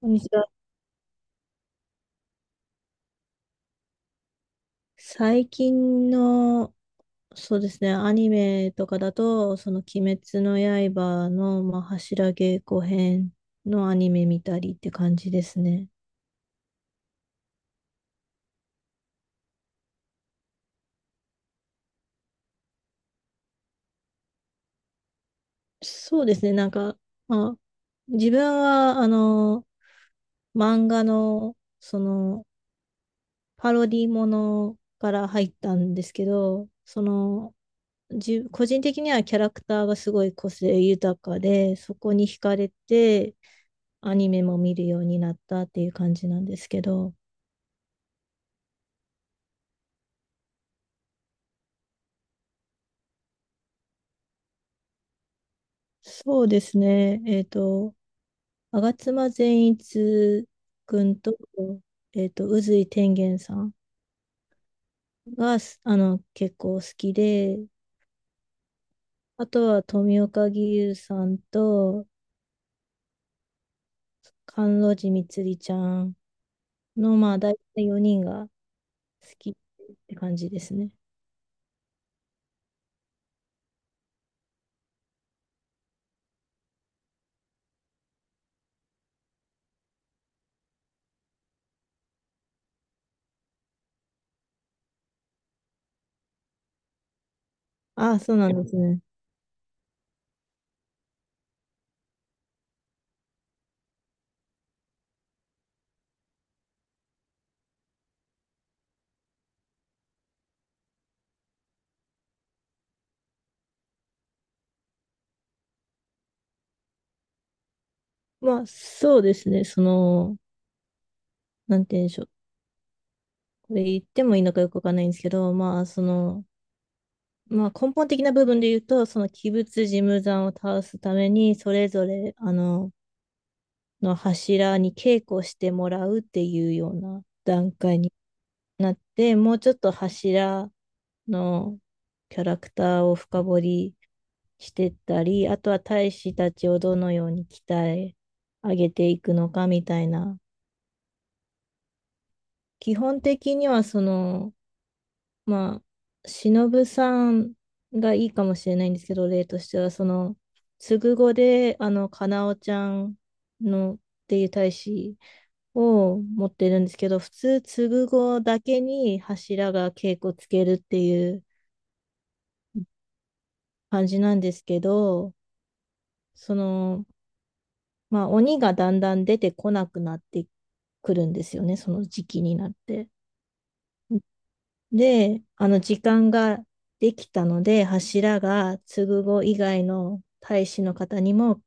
こんにちは。最近の、そうですね、アニメとかだと、その鬼滅の刃の、まあ、柱稽古編のアニメ見たりって感じですね。そうですね、なんか、まあ、自分は、漫画の、その、パロディものから入ったんですけど、個人的にはキャラクターがすごい個性豊かで、そこに惹かれて、アニメも見るようになったっていう感じなんですけど、そうですね、吾妻善一君と、宇髄天元さんが、すあの、結構好きで、あとは富岡義勇さんと、甘露寺みつりちゃんの、まあ、大体4人が好きって感じですね。ああ、そうなんですね。まあ、そうですね、なんて言うんでしょう。これ言ってもいいのかよくわかんないんですけど、まあ、根本的な部分で言うと、その鬼物事務山を倒すために、それぞれ、柱に稽古してもらうっていうような段階になって、もうちょっと柱のキャラクターを深掘りしてったり、あとは大使たちをどのように鍛え上げていくのかみたいな。基本的にはまあ、忍さんがいいかもしれないんですけど、例としては、つぐ語で、かなおちゃんのっていう大使を持ってるんですけど、普通、つぐ語だけに柱が稽古つけるっていう感じなんですけど、その、鬼がだんだん出てこなくなってくるんですよね、その時期になって。で、あの時間ができたので、柱が継子以外の大使の方にも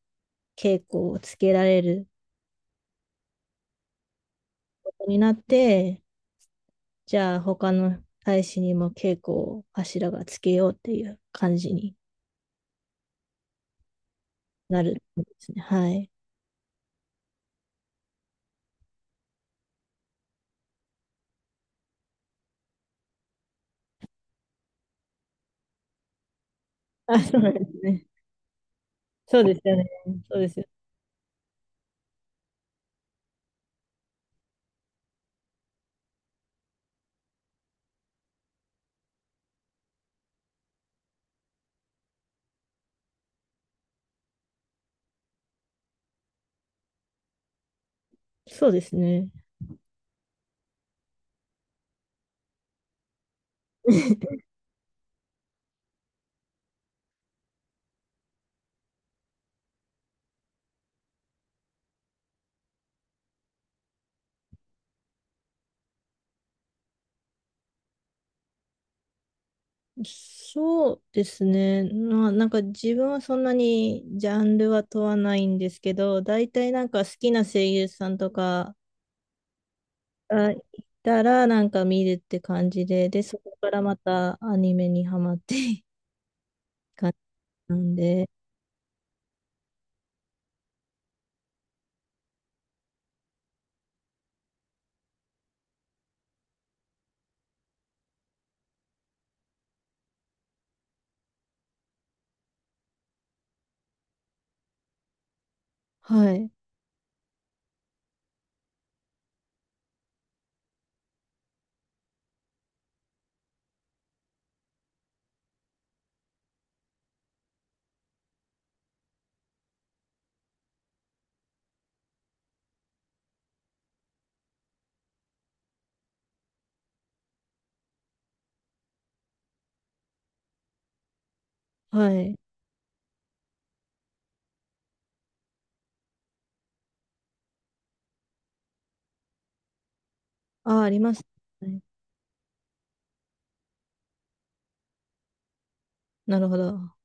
稽古をつけられることになって、じゃあ他の大使にも稽古を柱がつけようっていう感じになるんですね。はい。あ、そうなんですね。そうですよね。そうですよね。そうですね。そうですね。まあ、なんか自分はそんなにジャンルは問わないんですけど、大体なんか好きな声優さんとかがいたらなんか見るって感じで、で、そこからまたアニメにハマって 感じなんで、はい、はい。あ、ありますね。なるほど。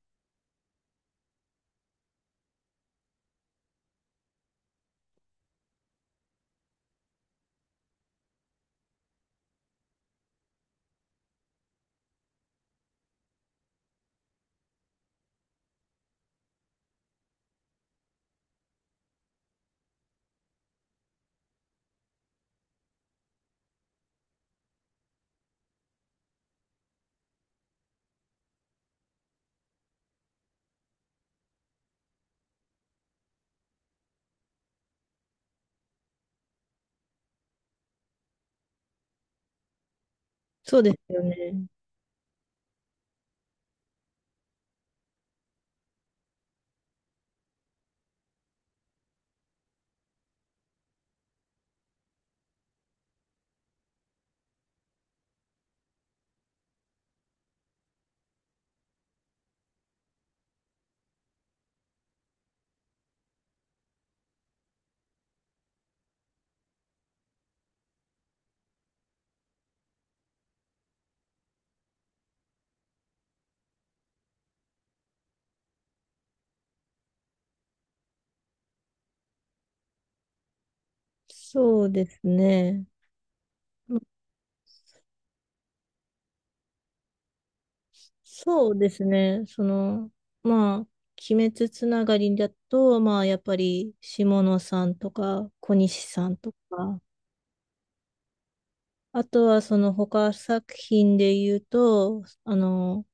そうですよね。そうですね。そうですね。まあ、鬼滅つながりだと、まあ、やっぱり、下野さんとか、小西さんとか、あとは、その他作品で言うと、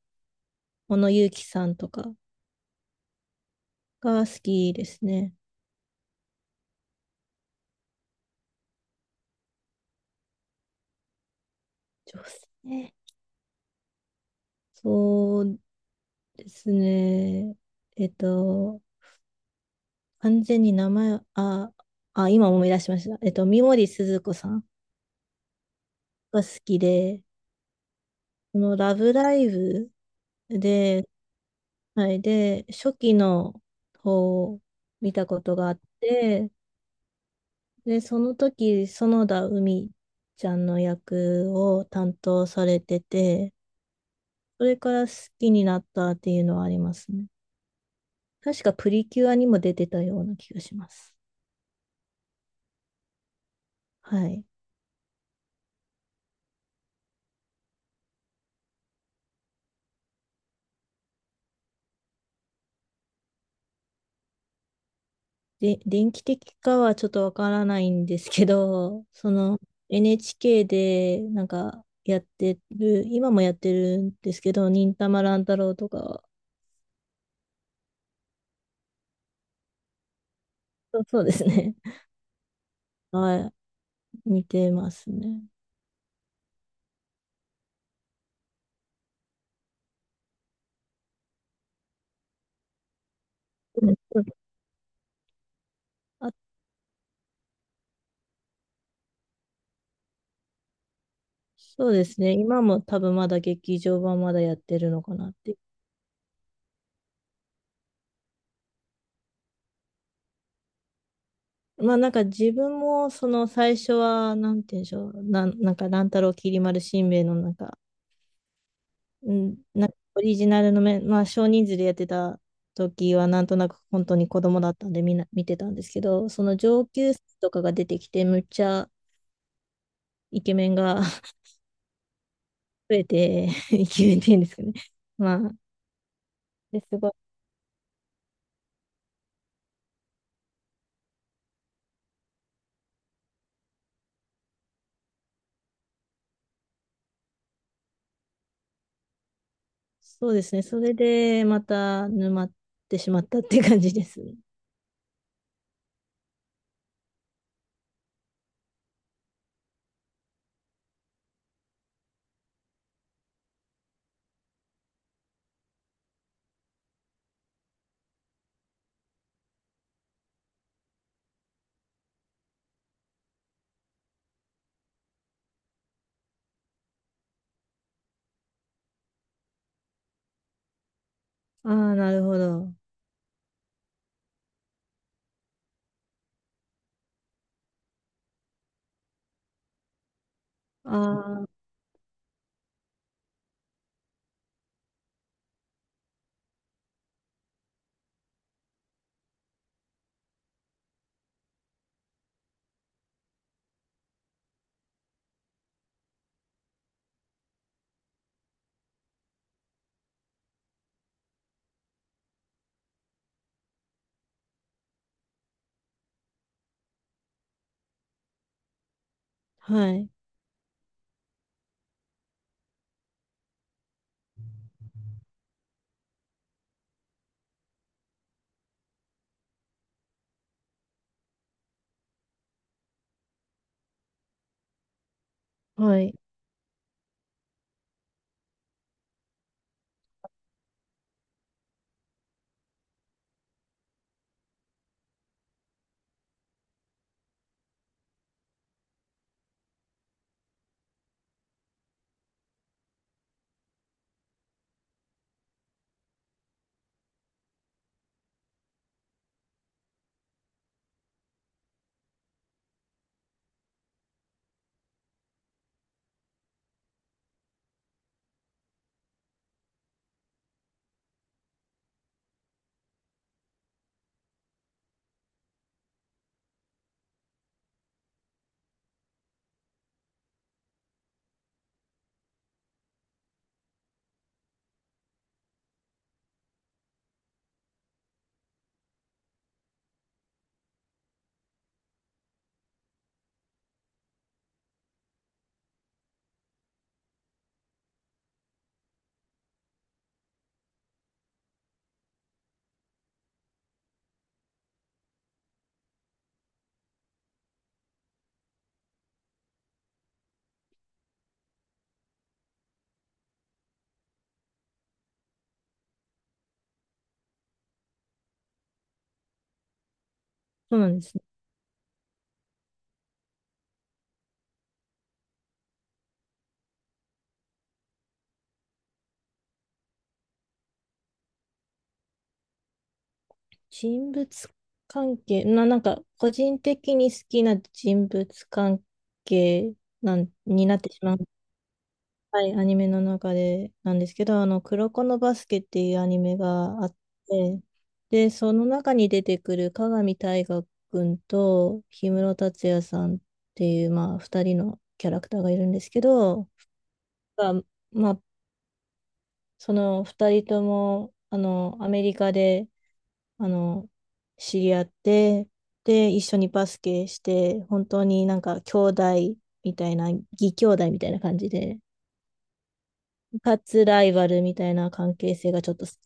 小野友樹さんとかが好きですね。女性。そうですね。えっと、完全に名前を、あ、あ、今思い出しました。三森すずこさんが好きで、このラブライブで、はい。で、初期の方を見たことがあって、で、その時、園田海ちゃんの役を担当されてて、それから好きになったっていうのはありますね。確かプリキュアにも出てたような気がします。はい。で、電気的かはちょっとわからないんですけど、その NHK でなんかやってる、今もやってるんですけど、忍たま乱太郎とかは、そうですね。はい。似てますね。うんあ、そうですね。今も多分まだ劇場版まだやってるのかなって。まあなんか自分もその最初は、なんて言うんでしょう。なんか乱太郎きり丸しんべヱのなんか、うん、なんかオリジナルのまあ少人数でやってた時はなんとなく本当に子供だったんでみんな見てたんですけど、その上級生とかが出てきてむっちゃイケメンが 増えて、イケメンって言うんですかね。まあ、ですごいそうですね。それで、また沼ってしまったって感じですね。ああ、なるほど。ああ、はい。はい。そうなんですね。人物関係、な、なんか、個人的に好きな人物関係になってしまう。はい、アニメの中でなんですけど、黒子のバスケっていうアニメがあって、で、その中に出てくる加賀見大河君と氷室達也さんっていう、まあ、二人のキャラクターがいるんですけど、がまあ、その二人とも、アメリカで、あの、知り合って、で、一緒にバスケして、本当になんか兄弟みたいな、義兄弟みたいな感じで、かつライバルみたいな関係性がちょっと、そ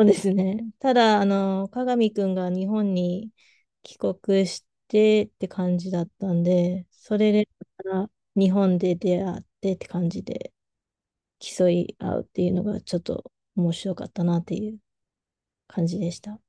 うですね。ただ、あの、加賀美くんが日本に帰国してって感じだったんで、それで、また日本で出会ってって感じで競い合うっていうのがちょっと面白かったなっていう感じでした。